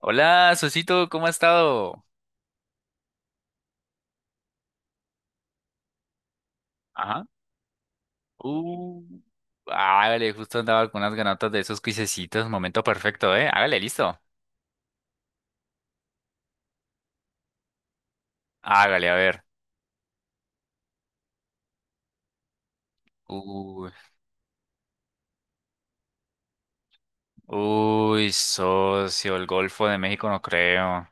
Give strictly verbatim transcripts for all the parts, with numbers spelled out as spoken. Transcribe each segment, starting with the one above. Hola, Sosito, ¿cómo ha estado? Ajá. Uh, Hágale, justo andaba con unas ganotas de esos cuisecitos. Momento perfecto, ¿eh? Hágale, listo. Hágale, a ver. Uy, uy, socio, el Golfo de México no creo.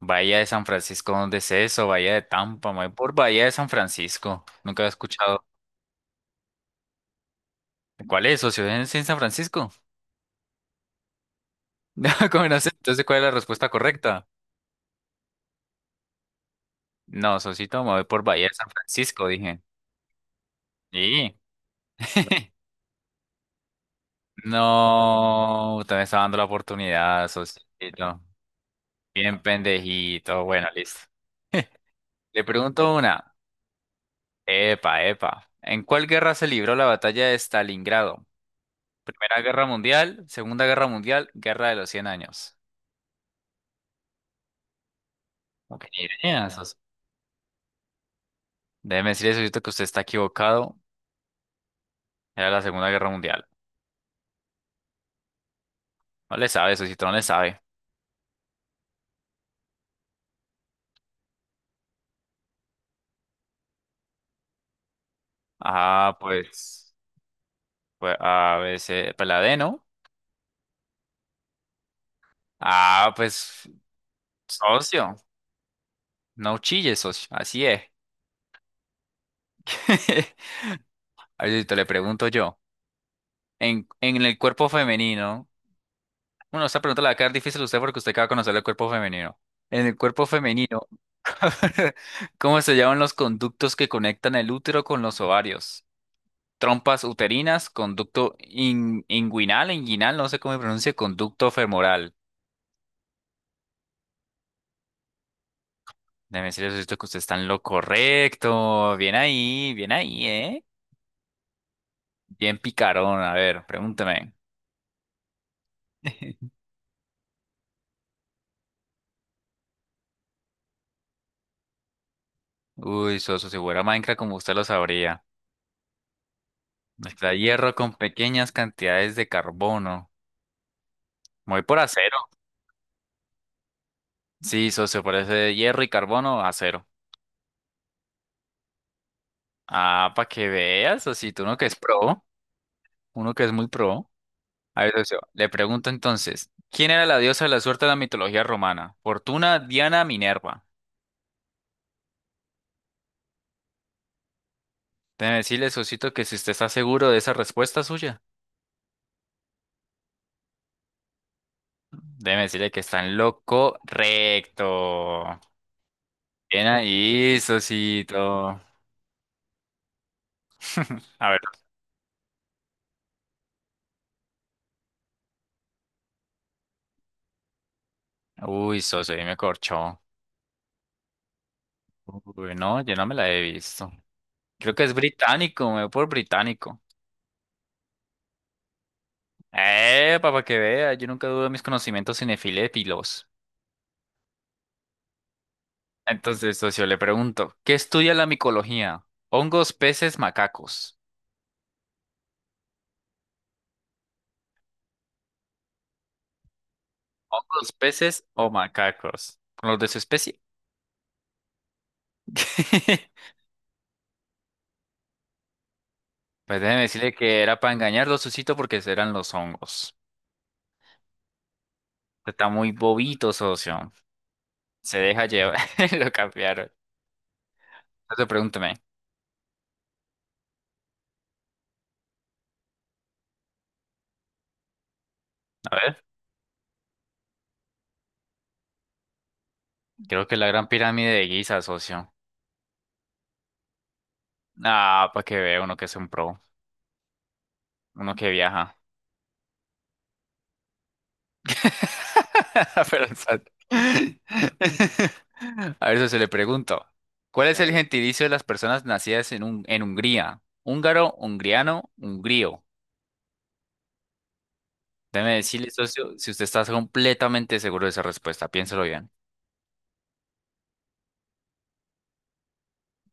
Bahía de San Francisco, ¿dónde es eso? Bahía de Tampa, me voy por Bahía de San Francisco. Nunca había escuchado. ¿Cuál es, socio? ¿Es en San Francisco? No, ¿cómo no sé? Entonces, ¿cuál es la respuesta correcta? No, socito, me voy por Bahía de San Francisco, dije. Sí. No, usted me está dando la oportunidad, socito. Bien pendejito. Bueno, listo. Le pregunto una. Epa, epa. ¿En cuál guerra se libró la batalla de Stalingrado? Primera Guerra Mundial, Segunda Guerra Mundial, Guerra de los Cien Años. Como que ni idea, socio. Déjeme decirle, socito, que usted está equivocado. Era la Segunda Guerra Mundial. No le sabe, socito, no le sabe. Ah, pues, pues, a veces, pues la D, ¿no? Ah, pues, socio. No chille, socio. Así es. Ahorita le pregunto yo. En, en el cuerpo femenino. Bueno, esta pregunta la va a quedar difícil a usted porque usted acaba de conocer el cuerpo femenino. En el cuerpo femenino, ¿cómo se llaman los conductos que conectan el útero con los ovarios? Trompas uterinas, conducto in- inguinal, inguinal, no sé cómo se pronuncia, conducto femoral. Déjeme decirle esto que usted está en lo correcto. Bien ahí, bien ahí, ¿eh? Bien picarón. A ver, pregúntame. Uy, Soso, si fuera Minecraft como usted lo sabría. Mezclar hierro con pequeñas cantidades de carbono. Me voy por acero. Sí, socio, por ese hierro y carbono, acero. Ah, para que veas, tú uno que es pro, uno que es muy pro. A ver, socio, le pregunto entonces, ¿quién era la diosa de la suerte de la mitología romana? Fortuna, Diana, Minerva. Déjeme decirle, socito, que si usted está seguro de esa respuesta suya, déjeme decirle que está en lo correcto. Bien ahí, socito. A ver. Uy, socio, ahí me corchó. Uy, no, yo no me la he visto. Creo que es británico, me voy por británico. Eh, para que vea, yo nunca dudo de mis conocimientos cinefilépilos. Entonces, socio, le pregunto, ¿qué estudia la micología? ¿Hongos, peces, macacos? ¿Hongos, peces o macacos? ¿Con los de su especie? Pues déjeme decirle que era para engañarlo, Susito, porque eran los hongos. Está muy bobito, socio. Se deja llevar. Lo cambiaron. Entonces, pregúntame. A ver, creo que la gran pirámide de Giza, socio. Ah, para que vea uno que es un pro, uno que viaja. Pero, o sea, a eso se le pregunto. ¿Cuál es el gentilicio de las personas nacidas en, un, en Hungría? Húngaro, hungriano, hungrío. Déjeme decirle, socio, si usted está completamente seguro de esa respuesta, piénselo bien.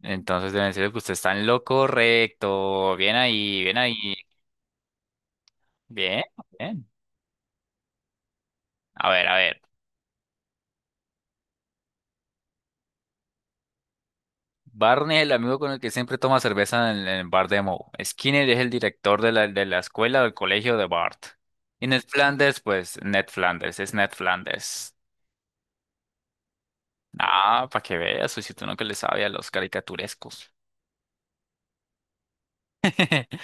Entonces, debe decirle que usted está en lo correcto. Bien ahí, bien ahí. Bien, bien. A ver, a ver. Barney es el amigo con el que siempre toma cerveza en en el bar de Moe. Skinner es el director de la, de la escuela o del colegio de Bart. Y Ned Flanders, pues Ned Flanders, es Ned Flanders. Ah, para que veas, Susito, uno que le sabe a los caricaturescos.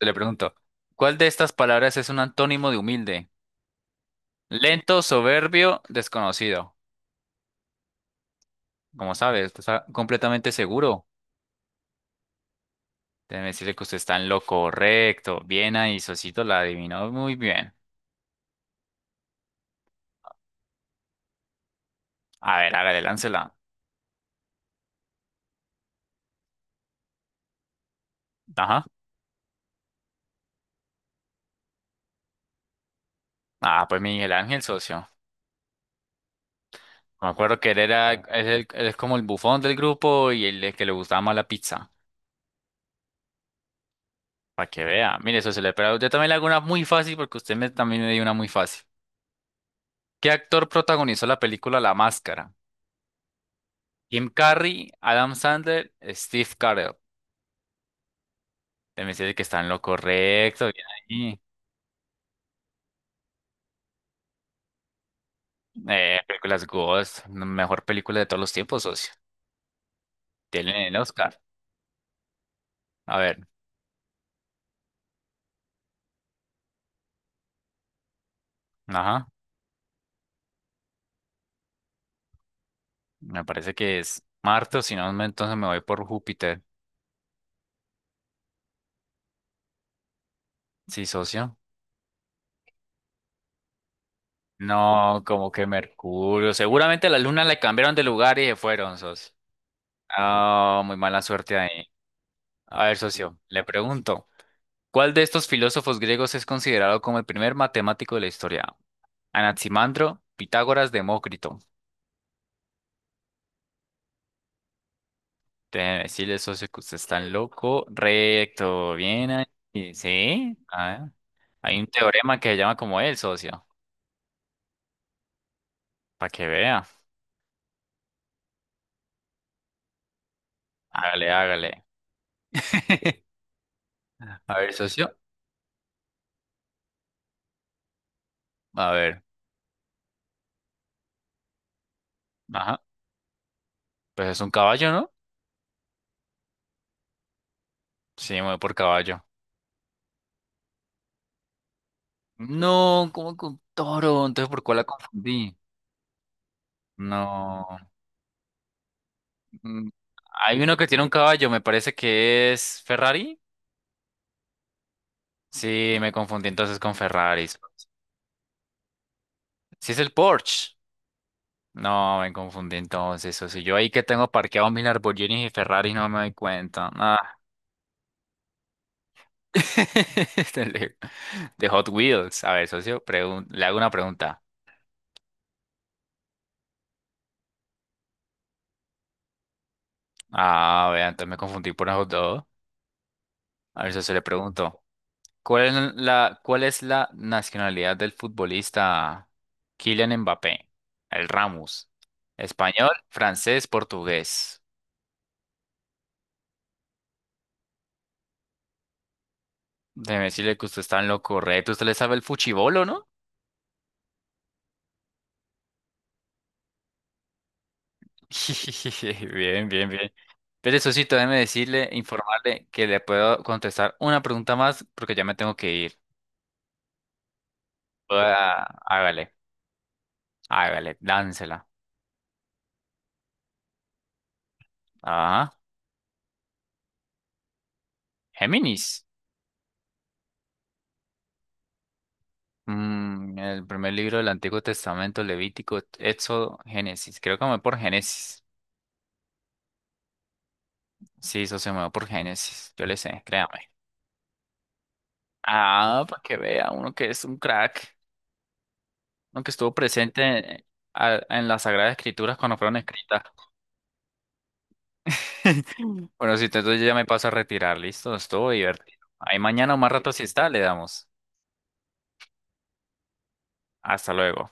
Le pregunto, ¿cuál de estas palabras es un antónimo de humilde? Lento, soberbio, desconocido. Como sabes, usted está completamente seguro. Déjeme decirle que usted está en lo correcto. Bien ahí, Sosito la adivinó muy bien. A ver, hágale, láncela. Ajá. Ah, pues Miguel Ángel, socio. Me acuerdo que él era, él, él- él es como el bufón del grupo y el, que le gustaba más la pizza. Para que vea. Mire, socio, le, pero yo también le hago una muy fácil porque usted me, también me dio una muy fácil. ¿Qué actor protagonizó la película La Máscara? Jim Carrey, Adam Sandler, Steve Carell. Te me que está en lo correcto. Bien ahí. Eh, películas Ghost, mejor película de todos los tiempos, socio. Tiene el Oscar. A ver, ajá. Me parece que es Marte, o si no, me- entonces me voy por Júpiter. Sí, socio. No, como que Mercurio. Seguramente la luna le cambiaron de lugar y se fueron, socio. Ah, muy mala suerte ahí. A ver, socio, le pregunto, ¿cuál de estos filósofos griegos es considerado como el primer matemático de la historia? Anaximandro, Pitágoras, Demócrito. Déjeme decirle, socio, que usted está loco. Recto, bien ahí. Sí, ah, hay un teorema que se llama como él, socio, para que vea. Hágale, hágale. A ver, socio, a ver. Ajá. Pues es un caballo, ¿no? Sí, me voy por caballo. No, como con toro? Entonces, ¿por cuál la confundí? No. Mm, hay uno que tiene un caballo, me parece que es Ferrari. Sí, me confundí entonces con Ferrari. Sí, es el Porsche. No, me confundí entonces. O sea, yo ahí que tengo parqueados mis Lamborghinis y Ferrari no me doy cuenta. Ah. De de Hot Wheels. A ver, socio, pregun- le hago una pregunta. Ah, vean, entonces me confundí por esos dos. A ver, socio, le pregunto. ¿Cuál es la, cuál es la nacionalidad del futbolista Kylian Mbappé? El Ramos. Español, francés, portugués. Déjeme decirle que usted está en lo correcto. Usted le sabe el fuchibolo, ¿no? Bien, bien, bien. Pero eso sí, déjeme decirle, informarle que le puedo contestar una pregunta más porque ya me tengo que ir. Ah, hágale, hágale, dánsela. Ajá. Géminis. Mm, el primer libro del Antiguo Testamento, Levítico, Éxodo, Génesis. Creo que me voy por Génesis. Sí, eso se me va por Génesis. Yo le sé, créame. Ah, para que vea uno que es un crack, uno que estuvo presente en, a- en las Sagradas Escrituras cuando fueron escritas. Bueno, si entonces yo ya me paso a retirar, listo, estuvo divertido. Ahí mañana o más rato si está, le damos. Hasta luego.